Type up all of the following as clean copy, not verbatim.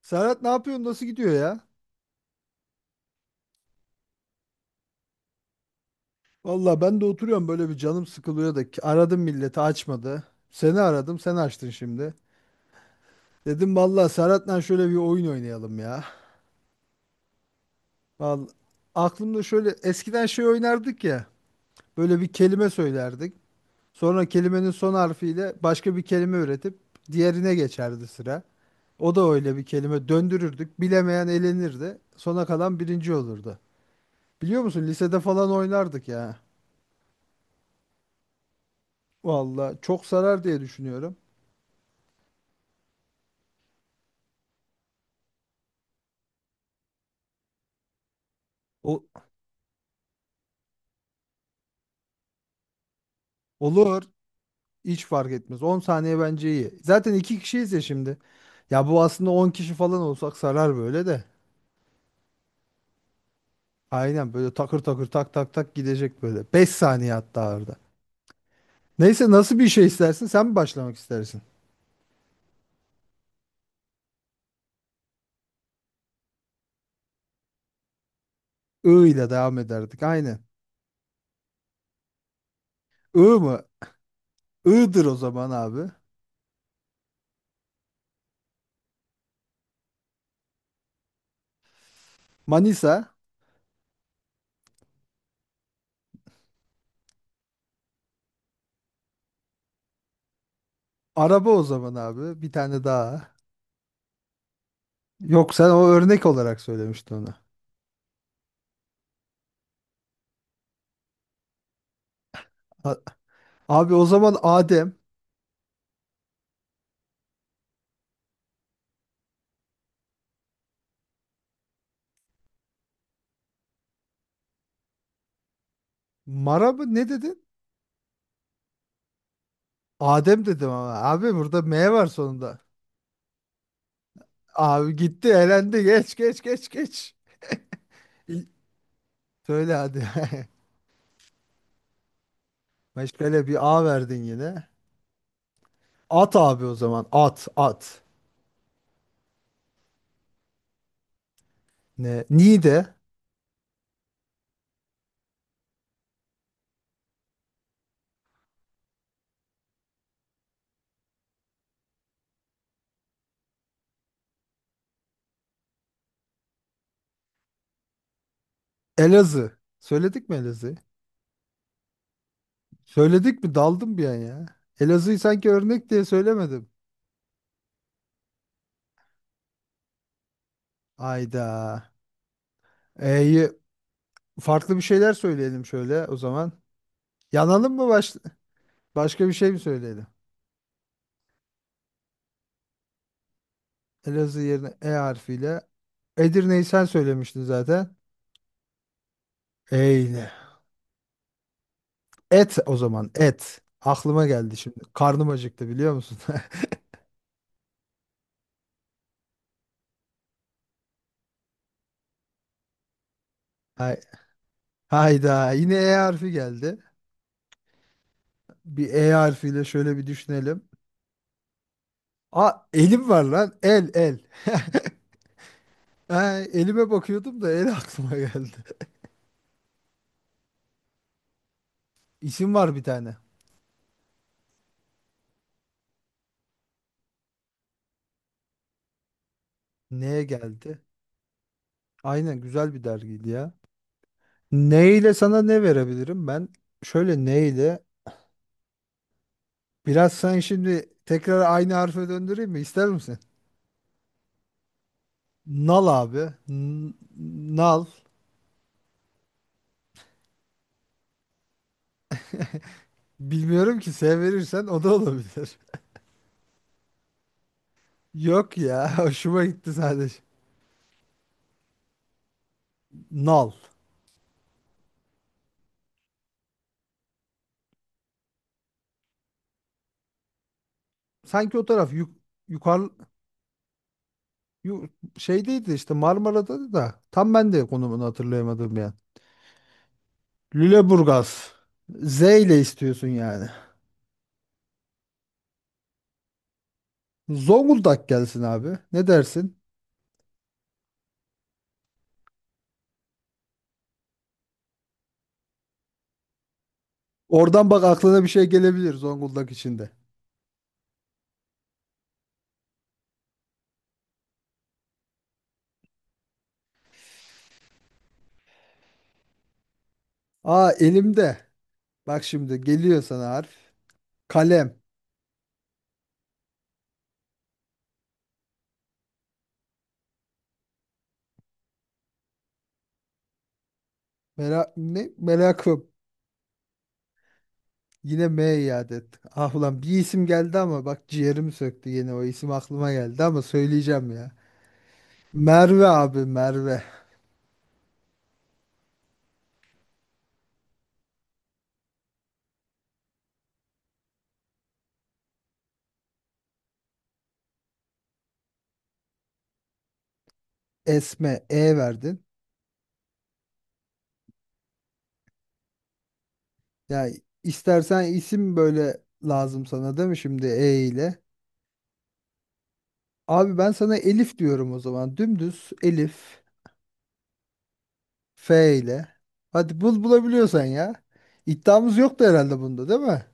Serhat ne yapıyorsun? Nasıl gidiyor ya? Valla ben de oturuyorum böyle bir canım sıkılıyor da aradım milleti açmadı. Seni aradım sen açtın şimdi. Dedim valla Serhat'la şöyle bir oyun oynayalım ya. Vallahi aklımda şöyle eskiden şey oynardık ya. Böyle bir kelime söylerdik. Sonra kelimenin son harfiyle başka bir kelime üretip diğerine geçerdi sıra. O da öyle bir kelime döndürürdük. Bilemeyen elenirdi. Sona kalan birinci olurdu. Biliyor musun lisede falan oynardık ya. Valla çok sarar diye düşünüyorum. O, olur. Hiç fark etmez. 10 saniye bence iyi. Zaten iki kişiyiz ya şimdi. Ya bu aslında 10 kişi falan olsak sarar böyle de. Aynen böyle takır takır tak tak tak gidecek böyle. 5 saniye hatta arada. Neyse nasıl bir şey istersin? Sen mi başlamak istersin? I ile devam ederdik. Aynen. I mı? I'dır o zaman abi. Manisa. Araba o zaman abi. Bir tane daha. Yok sen o örnek olarak söylemiştin onu. A- Abi o zaman Adem. Mara mı? Ne dedin? Adem dedim ama abi burada M var sonunda. Abi gitti elendi geç geç geç geç. İl- Söyle hadi. Meşgale bir A verdin yine. At abi o zaman at at. Ne? Niğde Elazığ. Söyledik mi Elazığ? Söyledik mi daldım bir an ya. Elazığ'ı sanki örnek diye söylemedim. Ayda. E'yi farklı bir şeyler söyleyelim şöyle o zaman. Yanalım mı, başka bir şey mi söyleyelim? Elazığ yerine E harfiyle. Edirne'yi sen söylemiştin zaten. Eyle et o zaman et. Aklıma geldi şimdi. Karnım acıktı biliyor musun? Hay- Hayda yine E harfi geldi. Bir E harfiyle şöyle bir düşünelim. Elim var lan. El el. Ha, elime bakıyordum da el aklıma geldi. İsim var bir tane. Neye geldi? Aynen güzel bir dergiydi ya. Neyle sana ne verebilirim ben? Şöyle neyle? Biraz sen şimdi tekrar aynı harfe döndüreyim mi? İster misin? Nal abi. Nal. Bilmiyorum ki S verirsen o da olabilir. Yok ya hoşuma gitti sadece. Nal. Sanki o taraf yukarı yu- şeydeydi işte Marmara'da da tam ben de konumunu hatırlayamadım ya. Lüleburgaz. Z ile istiyorsun yani. Zonguldak gelsin abi. Ne dersin? Oradan bak aklına bir şey gelebilir Zonguldak içinde. Elimde. Bak şimdi geliyor sana harf. Kalem. Mera ne? Merakım. Yine M iade ettik. Ah ulan bir isim geldi ama bak ciğerimi söktü yine o isim aklıma geldi ama söyleyeceğim ya. Merve abi Merve. Esme E verdin. Ya istersen isim böyle lazım sana değil mi şimdi E ile? Abi ben sana Elif diyorum o zaman. Dümdüz Elif F ile. Hadi bul bulabiliyorsan ya. İddiamız yoktu herhalde bunda değil mi?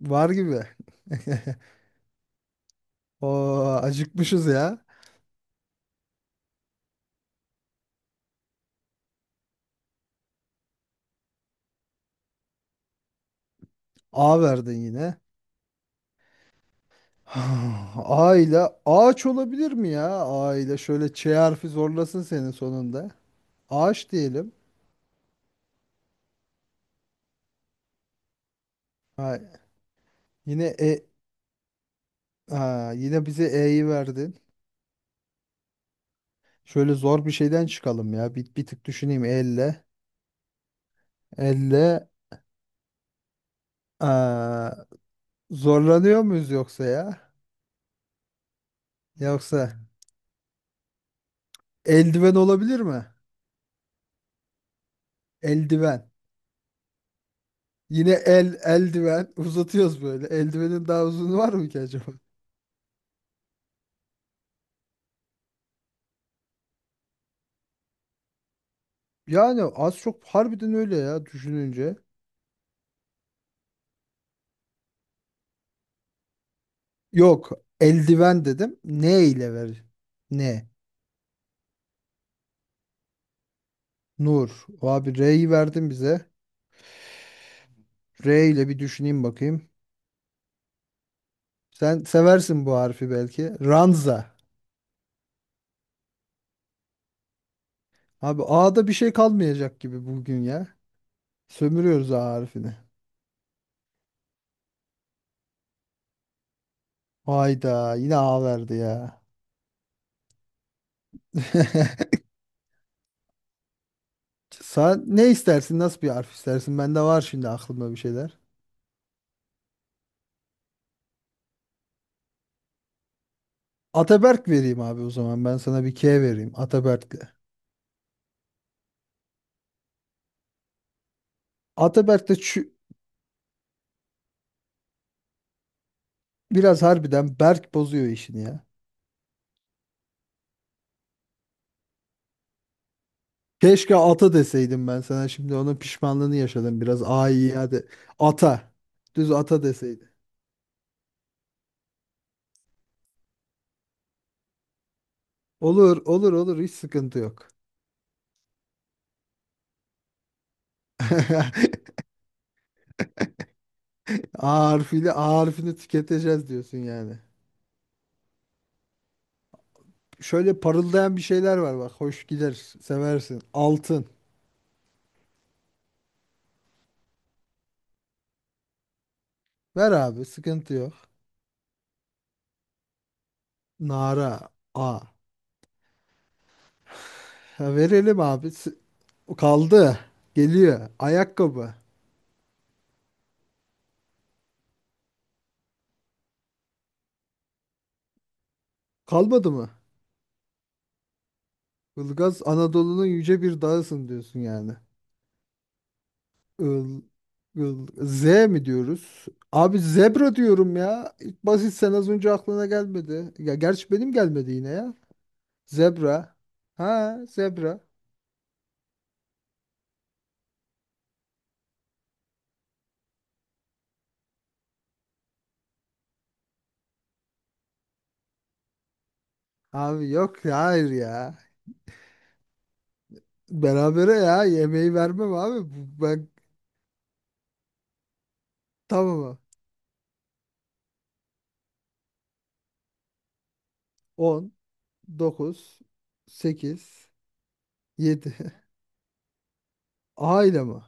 Var gibi. Oo acıkmışız ya. A verdin yine. Aile ağaç olabilir mi ya? Aile şöyle Ç harfi zorlasın senin sonunda. Ağaç diyelim. Ha, yine e, ha, yine bize E'yi verdin. Şöyle zor bir şeyden çıkalım ya. Bir tık düşüneyim elle. Elle aa, zorlanıyor muyuz yoksa ya? Yoksa eldiven olabilir mi? Eldiven. Yine el eldiven uzatıyoruz böyle. Eldivenin daha uzun var mı ki acaba? Yani az çok harbiden öyle ya düşününce. Yok. Eldiven dedim. Ne ile ver? Ne? Nur. Abi R'yi verdin bize. R ile bir düşüneyim bakayım. Sen seversin bu harfi belki. Ranza. Abi A'da bir şey kalmayacak gibi bugün ya. Sömürüyoruz A harfini. Hayda yine A verdi ya. Sen ne istersin? Nasıl bir harf istersin? Bende var şimdi aklımda bir şeyler. Ataberk vereyim abi o zaman. Ben sana bir K vereyim Ataberk'le. Ataberk de şu- biraz harbiden Berk bozuyor işini ya. Keşke ata deseydim ben sana. Şimdi onun pişmanlığını yaşadım biraz. Ay hadi. Ata. Düz ata deseydi. Olur, olur, olur. Hiç sıkıntı yok. A harfiyle A harfini tüketeceğiz diyorsun yani. Şöyle parıldayan bir şeyler var bak. Hoş gider. Seversin. Altın. Ver abi. Sıkıntı yok. Nara. A. Ha, verelim abi. Kaldı. Geliyor. Ayakkabı. Kalmadı mı? Ilgaz Anadolu'nun yüce bir dağısın diyorsun yani. Il, Z mi diyoruz? Abi zebra diyorum ya. İlk basit sen az önce aklına gelmedi. Ya gerçi benim gelmedi yine ya. Zebra. Ha zebra. Abi yok ya hayır ya. Berabere ya yemeği vermem abi. Ben tamam mı? 10, 9, 8, 7. A ile mi?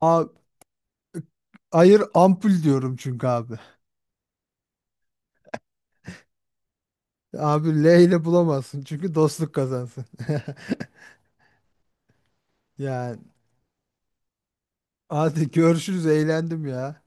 A, hayır ampul diyorum çünkü abi. Abi L ile bulamazsın çünkü dostluk kazansın. Yani hadi görüşürüz eğlendim ya.